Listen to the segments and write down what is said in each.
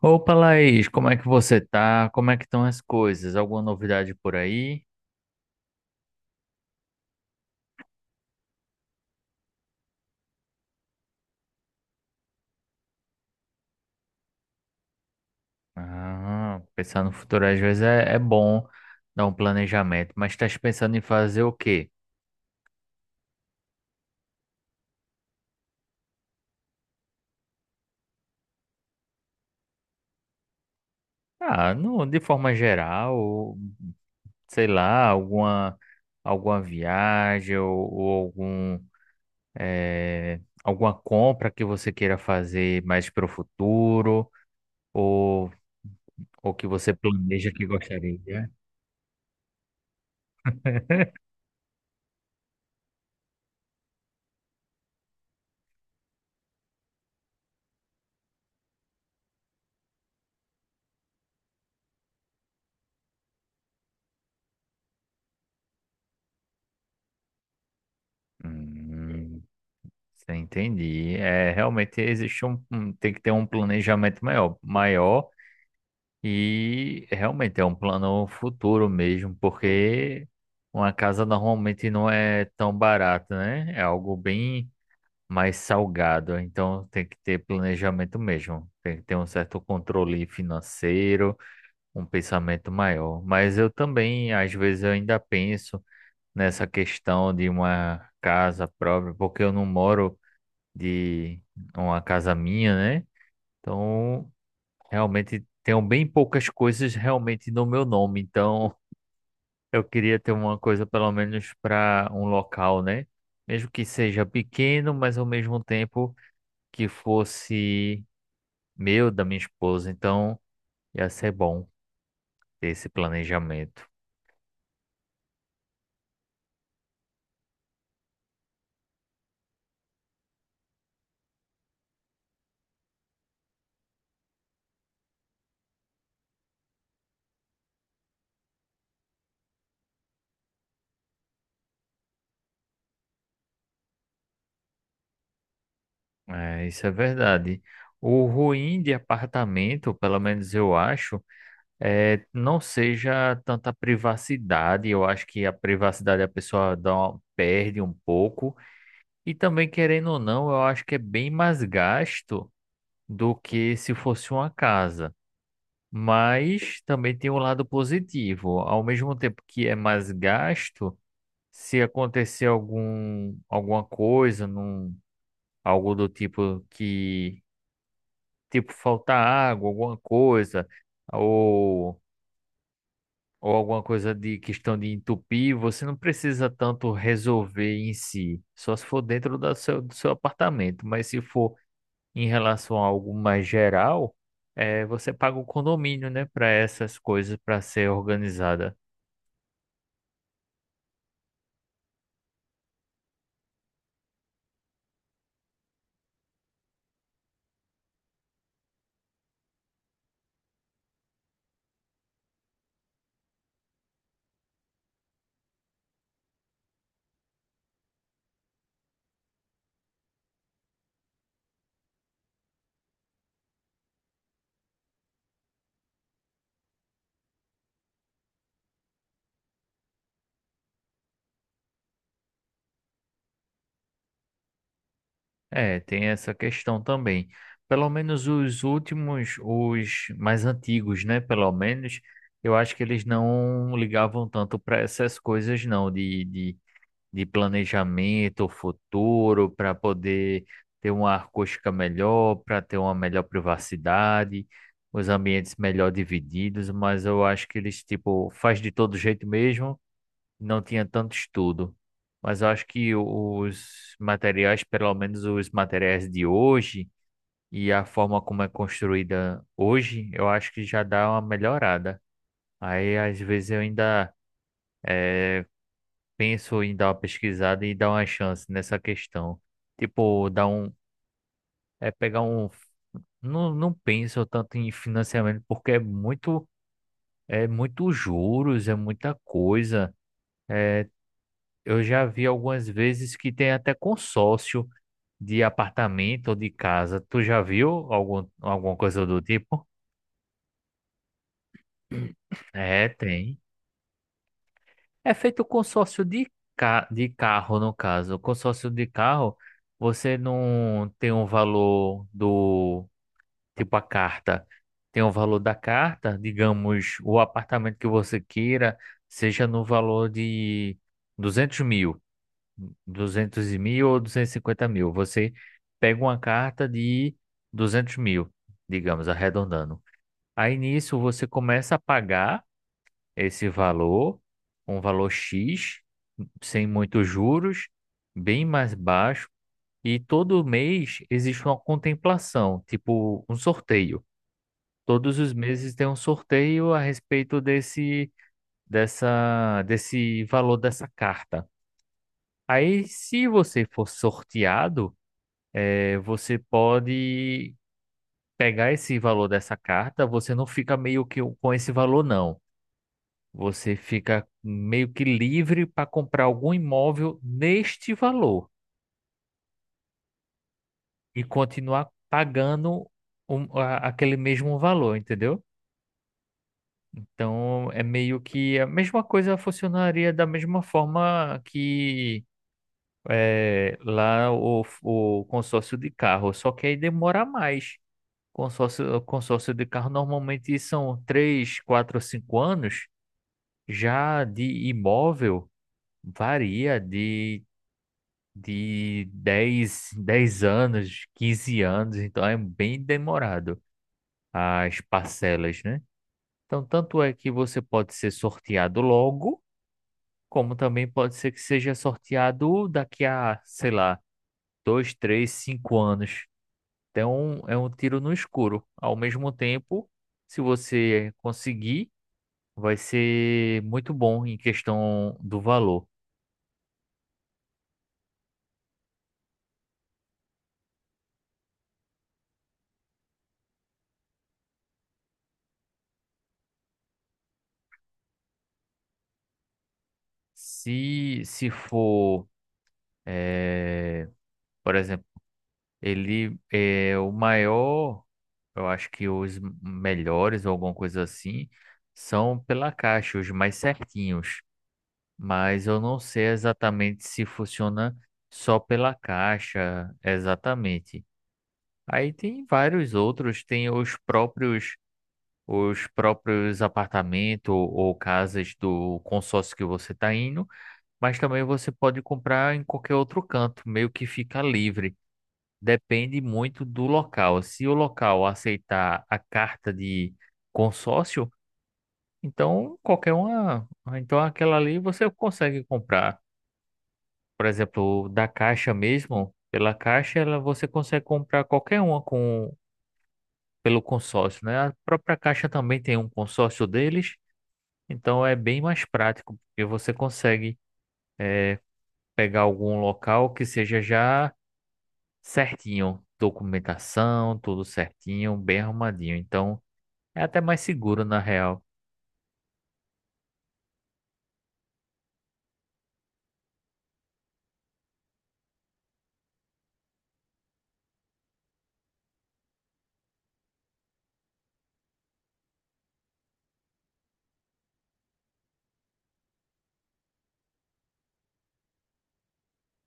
Opa, Laís, como é que você tá? Como é que estão as coisas? Alguma novidade por aí? Ah, pensar no futuro às vezes é bom dar um planejamento, mas estás pensando em fazer o quê? Ah, não, de forma geral, ou, sei lá, alguma viagem ou algum, alguma compra que você queira fazer mais para o futuro ou, ou que você planeja que gostaria. Hum. Você entendi. É, realmente tem que ter um planejamento maior, maior e realmente é um plano futuro mesmo, porque uma casa normalmente não é tão barata, né? É algo bem mais salgado, então tem que ter planejamento mesmo. Tem que ter um certo controle financeiro, um pensamento maior. Mas eu também, às vezes, eu ainda penso nessa questão de uma casa própria, porque eu não moro de uma casa minha, né? Então, realmente tenho bem poucas coisas realmente no meu nome. Então, eu queria ter uma coisa pelo menos para um local, né? Mesmo que seja pequeno, mas ao mesmo tempo que fosse meu, da minha esposa. Então, ia ser bom ter esse planejamento. É, isso é verdade. O ruim de apartamento, pelo menos eu acho, é, não seja tanta privacidade. Eu acho que a privacidade a pessoa perde um pouco. E também, querendo ou não, eu acho que é bem mais gasto do que se fosse uma casa. Mas também tem um lado positivo. Ao mesmo tempo que é mais gasto, se acontecer alguma coisa, algo do tipo que, tipo, faltar água, alguma coisa, ou alguma coisa de questão de entupir, você não precisa tanto resolver em si, só se for dentro do seu apartamento. Mas se for em relação a algo mais geral, é, você paga o condomínio, né, para essas coisas para ser organizada. É, tem essa questão também. Pelo menos os últimos, os mais antigos, né, pelo menos, eu acho que eles não ligavam tanto para essas coisas, não, de planejamento futuro para poder ter uma acústica melhor, para ter uma melhor privacidade, os ambientes melhor divididos, mas eu acho que eles tipo faz de todo jeito mesmo, não tinha tanto estudo. Mas eu acho que os materiais, pelo menos os materiais de hoje e a forma como é construída hoje, eu acho que já dá uma melhorada. Aí às vezes eu ainda penso em dar uma pesquisada e dar uma chance nessa questão. Tipo, é pegar um, não, não penso tanto em financiamento porque é muito juros, é muita coisa. É, eu já vi algumas vezes que tem até consórcio de apartamento ou de casa. Tu já viu alguma coisa do tipo? É, tem. É feito consórcio de carro, no caso. Consórcio de carro, você não tem um valor do. Tipo a carta. Tem o valor da carta, digamos, o apartamento que você queira, seja no valor de 200 mil, 200.000 ou 250.000. Você pega uma carta de 200.000, digamos, arredondando. Aí nisso você começa a pagar esse valor, um valor X, sem muitos juros, bem mais baixo, e todo mês existe uma contemplação, tipo um sorteio. Todos os meses tem um sorteio a respeito desse valor dessa carta. Aí, se você for sorteado, você pode pegar esse valor dessa carta, você não fica meio que com esse valor, não. Você fica meio que livre para comprar algum imóvel neste valor e continuar pagando aquele mesmo valor, entendeu? Então é meio que a mesma coisa funcionaria da mesma forma que lá o consórcio de carro, só que aí demora mais. Consórcio de carro normalmente são 3, 4, 5 anos, já de imóvel varia de dez anos, 15 anos, então é bem demorado as parcelas, né? Então, tanto é que você pode ser sorteado logo, como também pode ser que seja sorteado daqui a, sei lá, 2, 3, 5 anos. Então, é um tiro no escuro. Ao mesmo tempo, se você conseguir, vai ser muito bom em questão do valor. Se for, eh, por exemplo, ele é o maior, eu acho que os melhores ou alguma coisa assim, são pela Caixa, os mais certinhos. Mas eu não sei exatamente se funciona só pela Caixa, exatamente. Aí tem vários outros, tem os próprios apartamentos ou casas do consórcio que você está indo, mas também você pode comprar em qualquer outro canto, meio que fica livre. Depende muito do local. Se o local aceitar a carta de consórcio, então qualquer uma, então aquela ali você consegue comprar. Por exemplo, da Caixa mesmo, pela Caixa ela, você consegue comprar qualquer uma com pelo consórcio, né? A própria Caixa também tem um consórcio deles, então é bem mais prático, porque você consegue pegar algum local que seja já certinho, documentação, tudo certinho, bem arrumadinho. Então é até mais seguro, na real.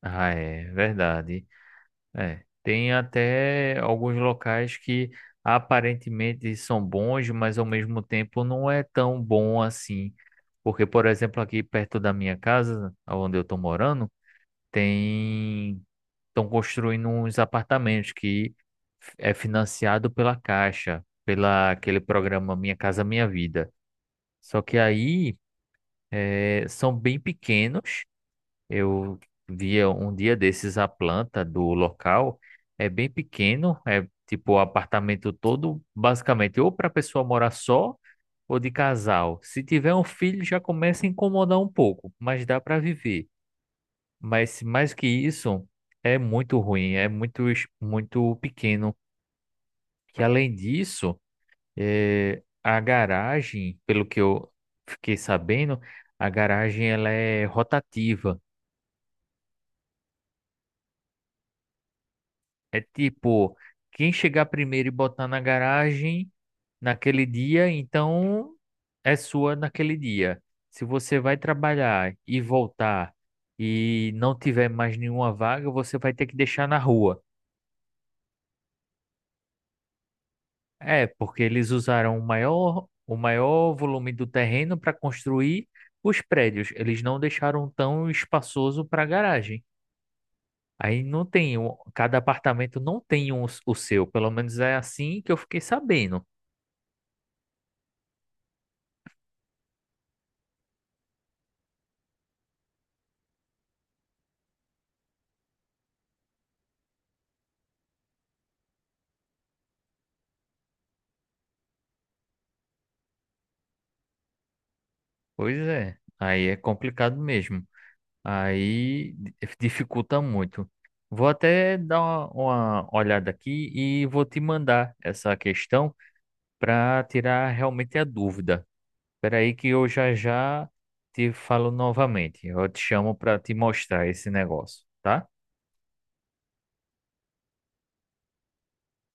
Ah, é verdade. É. Tem até alguns locais que aparentemente são bons, mas ao mesmo tempo não é tão bom assim. Porque, por exemplo, aqui perto da minha casa, onde eu tô morando, tem... estão construindo uns apartamentos que é financiado pela Caixa, pela aquele programa Minha Casa Minha Vida. Só que aí são bem pequenos. Eu via um dia desses a planta do local, é bem pequeno, é tipo o apartamento todo, basicamente, ou para a pessoa morar só ou de casal. Se tiver um filho, já começa a incomodar um pouco, mas dá para viver. Mas mais que isso, é muito ruim, é muito, muito pequeno. Que além disso, a garagem, pelo que eu fiquei sabendo, a garagem ela é rotativa. É tipo, quem chegar primeiro e botar na garagem naquele dia, então é sua naquele dia. Se você vai trabalhar e voltar e não tiver mais nenhuma vaga, você vai ter que deixar na rua. É, porque eles usaram o maior volume do terreno para construir os prédios. Eles não deixaram tão espaçoso para garagem. Aí não tem, cada apartamento não tem o seu. Pelo menos é assim que eu fiquei sabendo. Pois é, aí é complicado mesmo. Aí dificulta muito. Vou até dar uma olhada aqui e vou te mandar essa questão para tirar realmente a dúvida. Espera aí que eu já já te falo novamente. Eu te chamo para te mostrar esse negócio, tá?